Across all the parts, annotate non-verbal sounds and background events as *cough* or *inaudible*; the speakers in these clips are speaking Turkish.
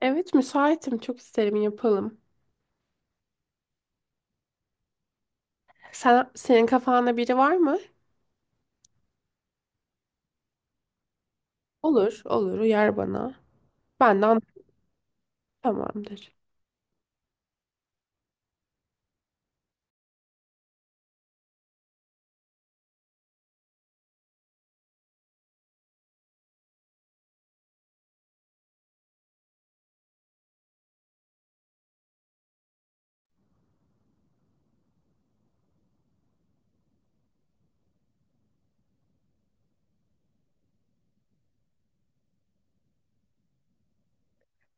Evet, müsaitim. Çok isterim yapalım. Sen, senin kafanda biri var mı? Olur, olur. Uyar bana. Benden tamamdır.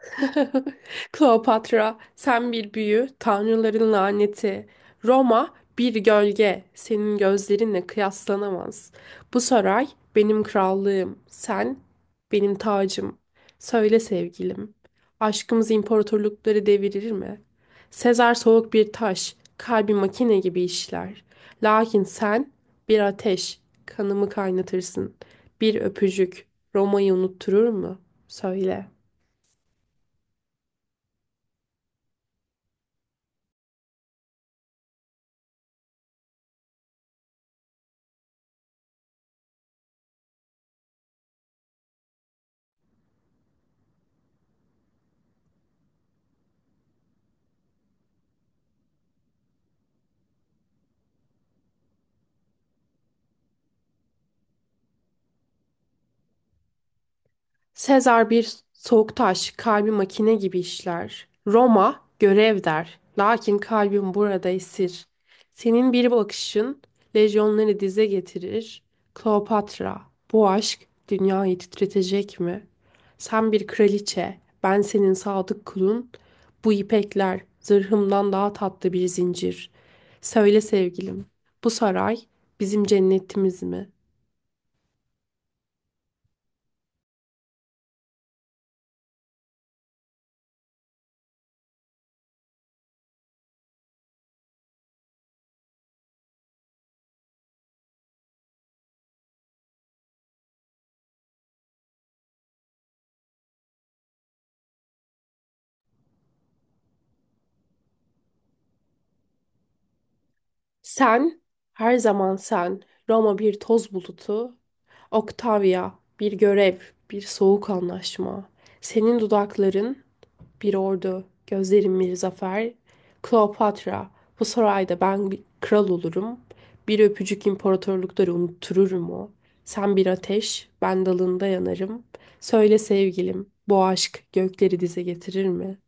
*laughs* Kleopatra, sen bir büyü, tanrıların laneti. Roma, bir gölge, senin gözlerinle kıyaslanamaz. Bu saray benim krallığım, sen benim tacım. Söyle sevgilim, aşkımız imparatorlukları devirir mi? Sezar soğuk bir taş, kalbi makine gibi işler. Lakin sen bir ateş, kanımı kaynatırsın. Bir öpücük, Roma'yı unutturur mu? Söyle. Sezar bir soğuk taş, kalbi makine gibi işler. Roma görev der, lakin kalbim burada esir. Senin bir bakışın lejyonları dize getirir. Kleopatra, bu aşk dünyayı titretecek mi? Sen bir kraliçe, ben senin sadık kulun. Bu ipekler zırhımdan daha tatlı bir zincir. Söyle sevgilim, bu saray bizim cennetimiz mi? Sen, her zaman sen, Roma bir toz bulutu, Octavia bir görev, bir soğuk anlaşma, senin dudakların bir ordu, gözlerin bir zafer, Kleopatra, bu sarayda ben bir kral olurum, bir öpücük imparatorlukları unuttururum o, sen bir ateş, ben dalında yanarım, söyle sevgilim, bu aşk gökleri dize getirir mi?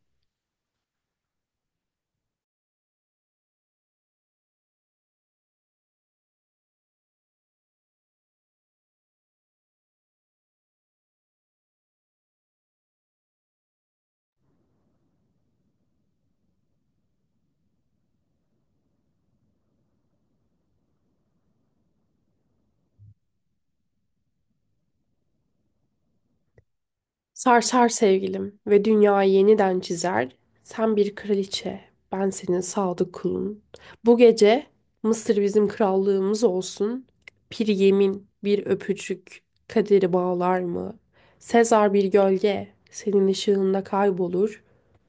Sarsar sevgilim ve dünyayı yeniden çizer. Sen bir kraliçe, ben senin sadık kulun. Bu gece Mısır bizim krallığımız olsun. Bir yemin, bir öpücük kaderi bağlar mı? Sezar bir gölge, senin ışığında kaybolur.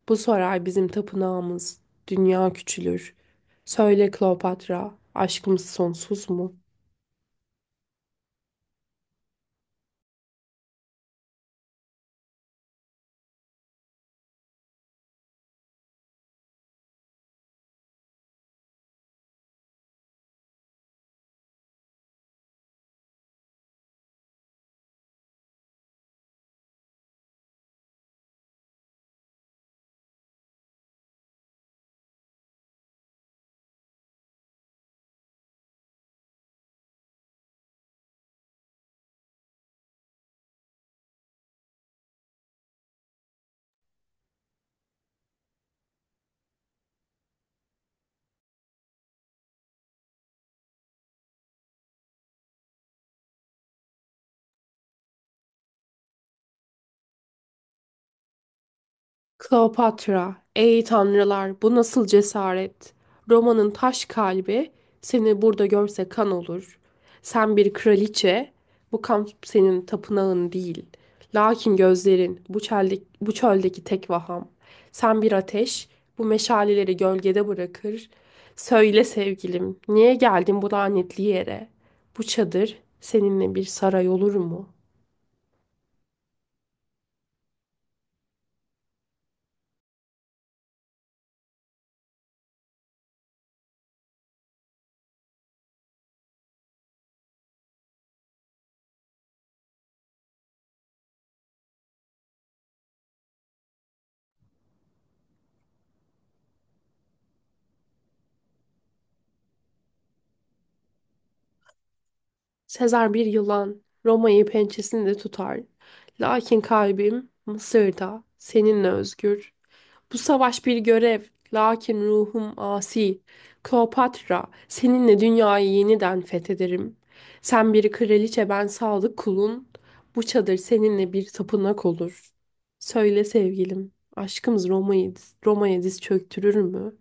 Bu saray bizim tapınağımız, dünya küçülür. Söyle Kleopatra, aşkımız sonsuz mu? Kleopatra, ey tanrılar, bu nasıl cesaret? Roma'nın taş kalbi seni burada görse kan olur. Sen bir kraliçe, bu kamp senin tapınağın değil. Lakin gözlerin bu çöldeki tek vaham. Sen bir ateş, bu meşaleleri gölgede bırakır. Söyle sevgilim, niye geldin bu lanetli yere? Bu çadır seninle bir saray olur mu? Sezar bir yılan, Roma'yı pençesinde tutar. Lakin kalbim Mısır'da, seninle özgür. Bu savaş bir görev, lakin ruhum asi. Kleopatra, seninle dünyayı yeniden fethederim. Sen bir kraliçe, ben sadık kulun. Bu çadır seninle bir tapınak olur. Söyle sevgilim, aşkımız Roma'ya diz çöktürür mü?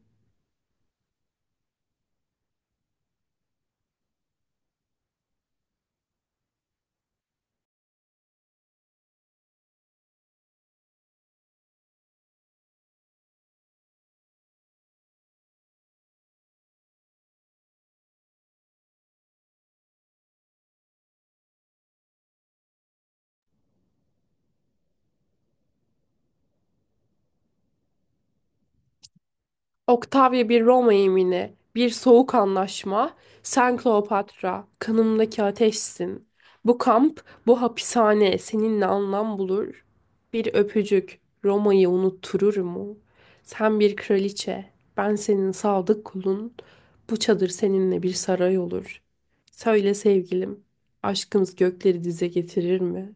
Octavia bir Roma yemini, bir soğuk anlaşma, sen Kleopatra, kanımdaki ateşsin. Bu kamp, bu hapishane seninle anlam bulur. Bir öpücük Roma'yı unutturur mu? Sen bir kraliçe, ben senin sadık kulun. Bu çadır seninle bir saray olur. Söyle sevgilim, aşkımız gökleri dize getirir mi?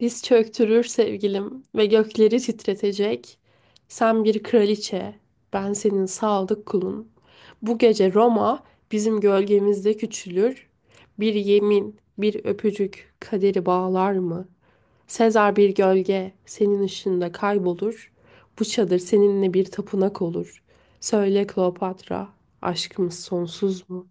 Diz çöktürür sevgilim ve gökleri titretecek. Sen bir kraliçe, ben senin sadık kulun. Bu gece Roma bizim gölgemizde küçülür. Bir yemin, bir öpücük kaderi bağlar mı? Sezar bir gölge senin ışığında kaybolur. Bu çadır seninle bir tapınak olur. Söyle Kleopatra, aşkımız sonsuz mu?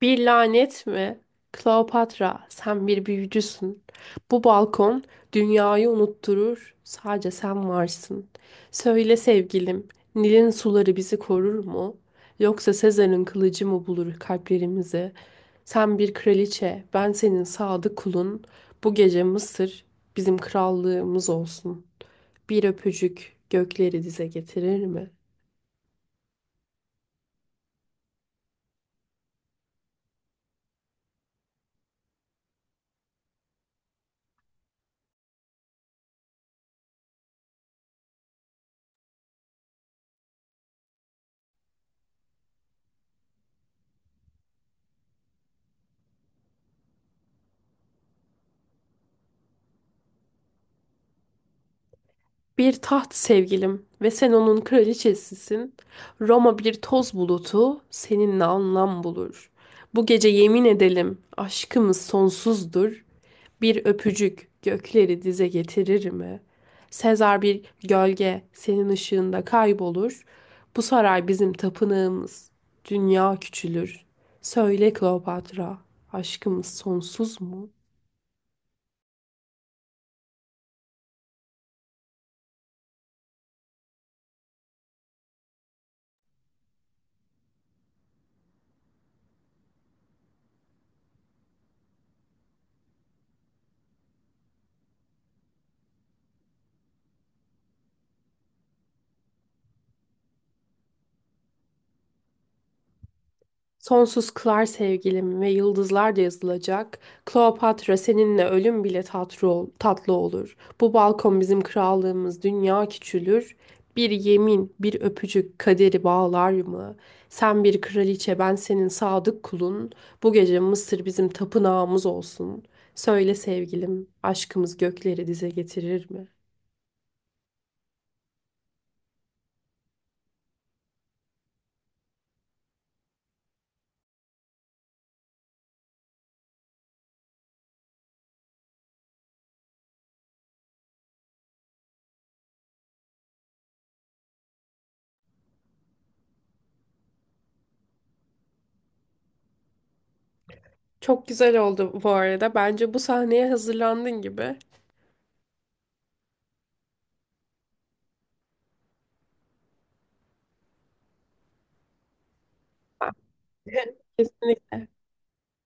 Bir lanet mi? Kleopatra, sen bir büyücüsün. Bu balkon dünyayı unutturur. Sadece sen varsın. Söyle sevgilim, Nil'in suları bizi korur mu? Yoksa Sezar'ın kılıcı mı bulur kalplerimizi? Sen bir kraliçe, ben senin sadık kulun. Bu gece Mısır bizim krallığımız olsun. Bir öpücük gökleri dize getirir mi? Bir taht sevgilim ve sen onun kraliçesisin. Roma bir toz bulutu seninle anlam bulur. Bu gece yemin edelim aşkımız sonsuzdur. Bir öpücük gökleri dize getirir mi? Sezar bir gölge senin ışığında kaybolur. Bu saray bizim tapınağımız. Dünya küçülür. Söyle Kleopatra, aşkımız sonsuz mu? Sonsuz kılar sevgilim ve yıldızlar da yazılacak. Kleopatra seninle ölüm bile tatlı olur. Bu balkon bizim krallığımız, dünya küçülür. Bir yemin, bir öpücük kaderi bağlar mı? Sen bir kraliçe, ben senin sadık kulun. Bu gece Mısır bizim tapınağımız olsun. Söyle sevgilim, aşkımız gökleri dize getirir mi? Çok güzel oldu bu arada. Bence bu sahneye hazırlandın gibi. *laughs* Kesinlikle.